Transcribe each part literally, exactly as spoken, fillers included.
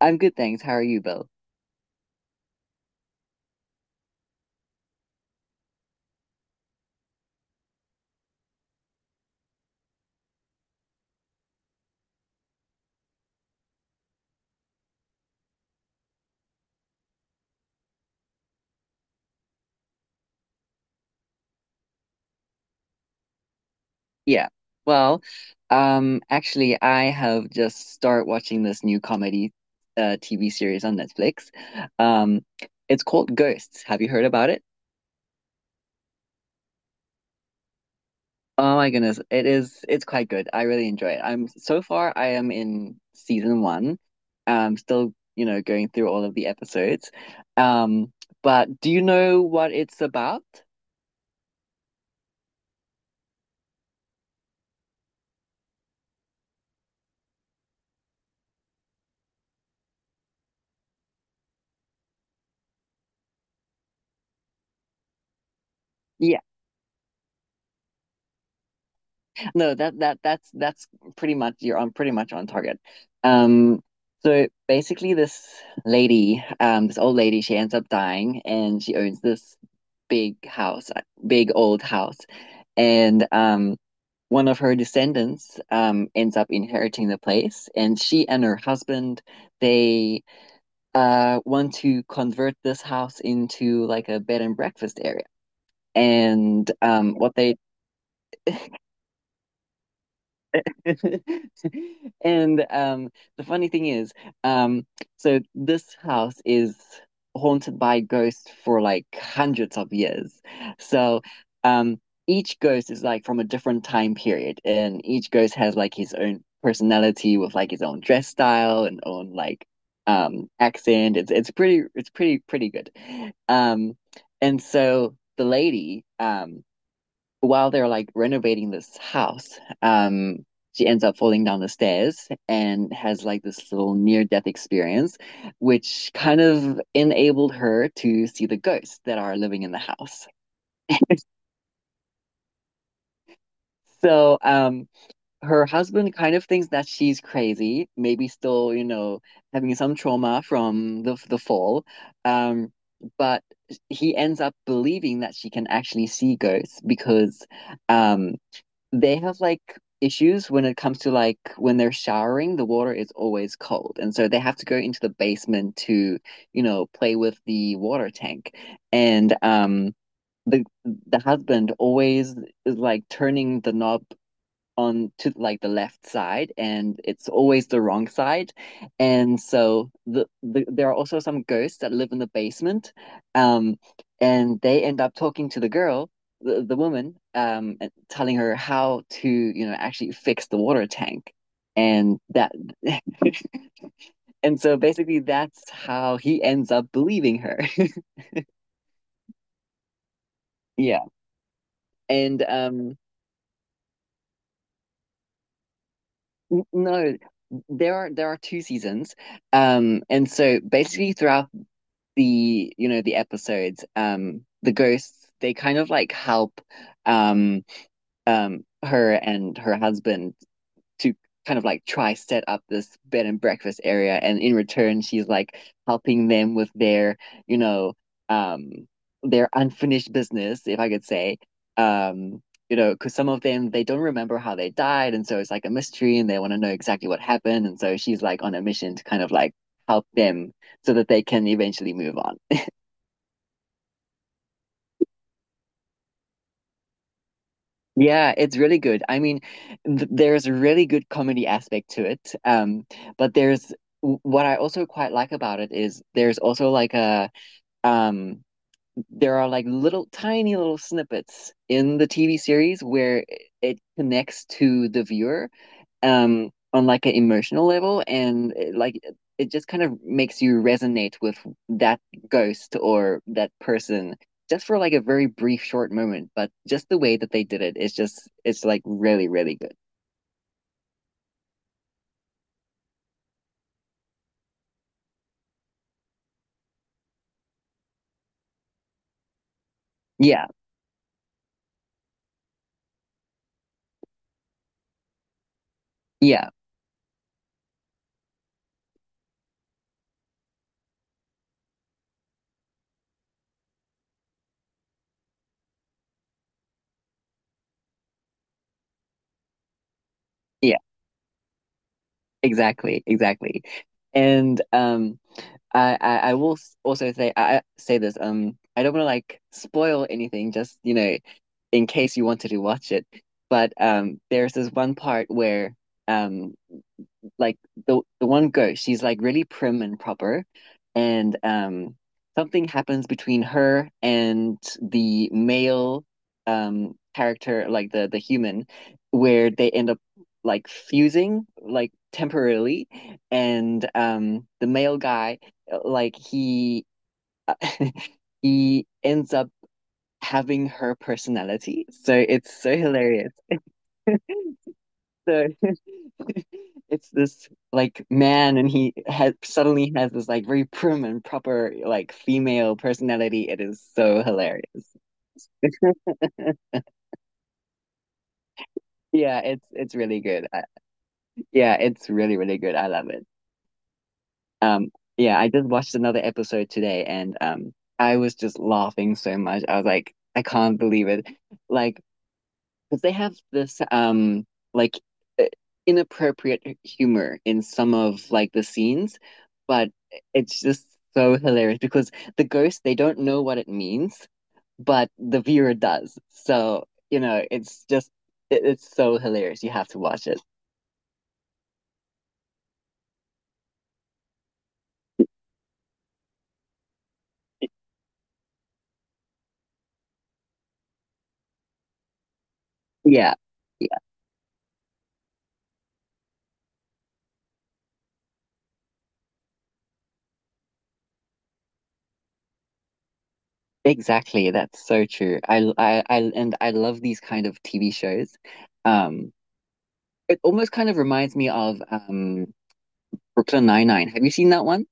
I'm good, thanks. How are you, Bill? Yeah. Well, um, actually, I have just started watching this new comedy uh T V series on Netflix. Um, it's called Ghosts. Have you heard about it? Oh my goodness, it is it's quite good. I really enjoy it. I'm So far I am in season one. I'm still, you know, going through all of the episodes. Um, but do you know what it's about? Yeah, no, that that that's that's pretty much you're on pretty much on target. Um, so basically, this lady, um, this old lady, she ends up dying, and she owns this big house, uh, big old house, and um, one of her descendants um ends up inheriting the place, and she and her husband they uh want to convert this house into like a bed and breakfast area. And um, what they And um, the funny thing is, um, so this house is haunted by ghosts for like hundreds of years. So um, each ghost is like from a different time period, and each ghost has like his own personality with like his own dress style and own like um, accent. It's it's pretty it's pretty pretty good. Um, and so the lady, um, while they're like renovating this house, um, she ends up falling down the stairs and has like this little near-death experience, which kind of enabled her to see the ghosts that are living in the house. So, um, her husband kind of thinks that she's crazy, maybe still, you know, having some trauma from the the fall. Um, but he ends up believing that she can actually see ghosts because, um, they have like issues when it comes to like when they're showering, the water is always cold. And so they have to go into the basement to, you know, play with the water tank. And um the the husband always is like turning the knob on to like the left side, and it's always the wrong side. And so the, the there are also some ghosts that live in the basement, um and they end up talking to the girl the, the woman, um and telling her how to you know actually fix the water tank. And that and so basically that's how he ends up believing her. Yeah. And um no, there are there are two seasons, um and so basically throughout the you know the episodes, um the ghosts they kind of like help, um um her and her husband, to kind of like try set up this bed and breakfast area, and in return she's like helping them with their you know um their unfinished business, if I could say. Um you know because some of them they don't remember how they died, and so it's like a mystery and they want to know exactly what happened, and so she's like on a mission to kind of like help them so that they can eventually move on. Yeah, it's really good. I mean, th there's a really good comedy aspect to it. Um, but there's w- what I also quite like about it is there's also like a um there are like little tiny little snippets in the T V series where it connects to the viewer um on like an emotional level, and it, like it it just kind of makes you resonate with that ghost or that person, just for like a very brief short moment. But just the way that they did it is just it's like really really good. Yeah, yeah, yeah, exactly, exactly. And um I I, I will s- also say, I I say this, um I don't want to like spoil anything, just you know in case you wanted to watch it. But um there's this one part where, um like the the one ghost, she's like really prim and proper, and um something happens between her and the male um character, like the the human, where they end up like fusing like temporarily, and um the male guy like he he ends up having her personality. So it's so hilarious. The It's this like man and he has suddenly has this like very prim and proper like female personality. It is so hilarious. Yeah, it's it's really good. I, yeah, it's really really good. I love it. Um, yeah, I just watched another episode today, and um I was just laughing so much. I was like, I can't believe it. Like, because they have this um like uh, inappropriate humor in some of like the scenes, but it's just so hilarious because the ghost they don't know what it means, but the viewer does. So, you know, it's just it, it's so hilarious. You have to watch it. Yeah. Yeah, exactly. That's so true. I, I, I, and I love these kind of T V shows. Um, it almost kind of reminds me of um Brooklyn Nine-Nine. Have you seen that one?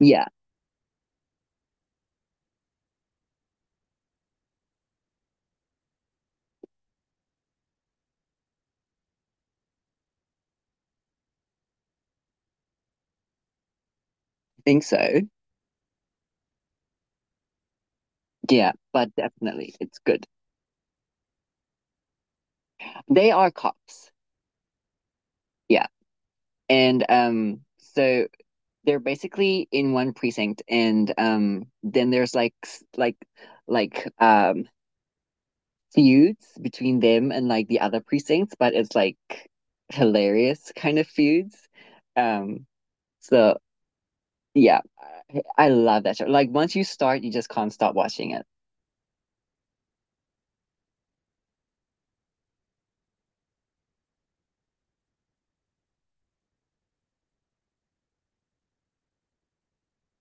Yeah, I think so. Yeah, but definitely it's good. They are cops. Yeah. And um so they're basically in one precinct, and um then there's like s- like like um feuds between them and like the other precincts, but it's like hilarious kind of feuds. Um so yeah, I, I love that show. Like, once you start, you just can't stop watching it.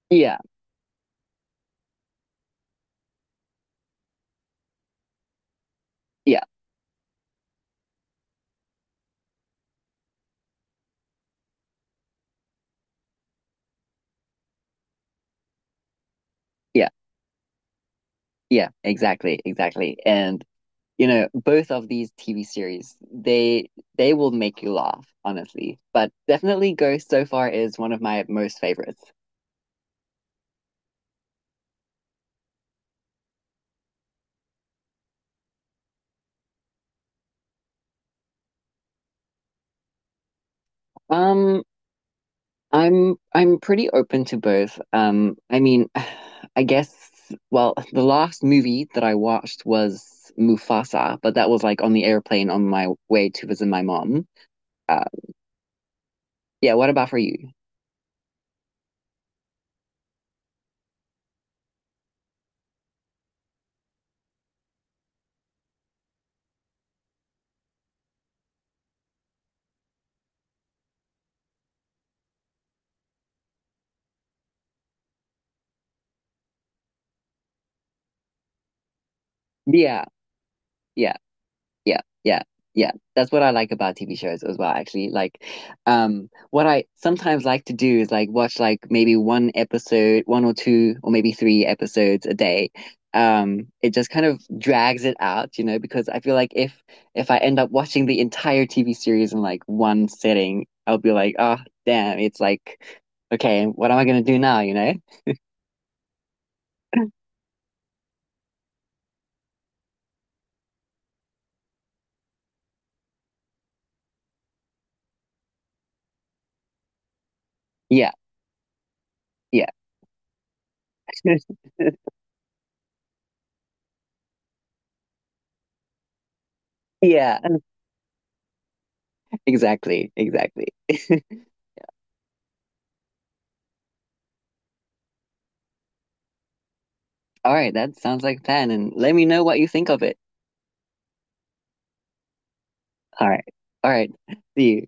Yeah. Yeah. Yeah. Yeah, exactly, exactly. And you know, both of these T V series, they they will make you laugh, honestly. But definitely Ghost so far is one of my most favorites. Um, I'm I'm pretty open to both. Um, I mean, I guess, well, the last movie that I watched was Mufasa, but that was like on the airplane on my way to visit my mom. Uh, yeah, what about for you? Yeah, yeah. Yeah, yeah, yeah. That's what I like about T V shows as well, actually. Like, um, what I sometimes like to do is like watch like maybe one episode, one or two, or maybe three episodes a day. Um, it just kind of drags it out, you know, because I feel like if if I end up watching the entire T V series in like one sitting, I'll be like, oh, damn, it's like, okay, what am I gonna do now, you know? Yeah, yeah. Yeah, exactly, exactly. All right, that sounds like a plan, and let me know what you think of it. All right. All right. See you.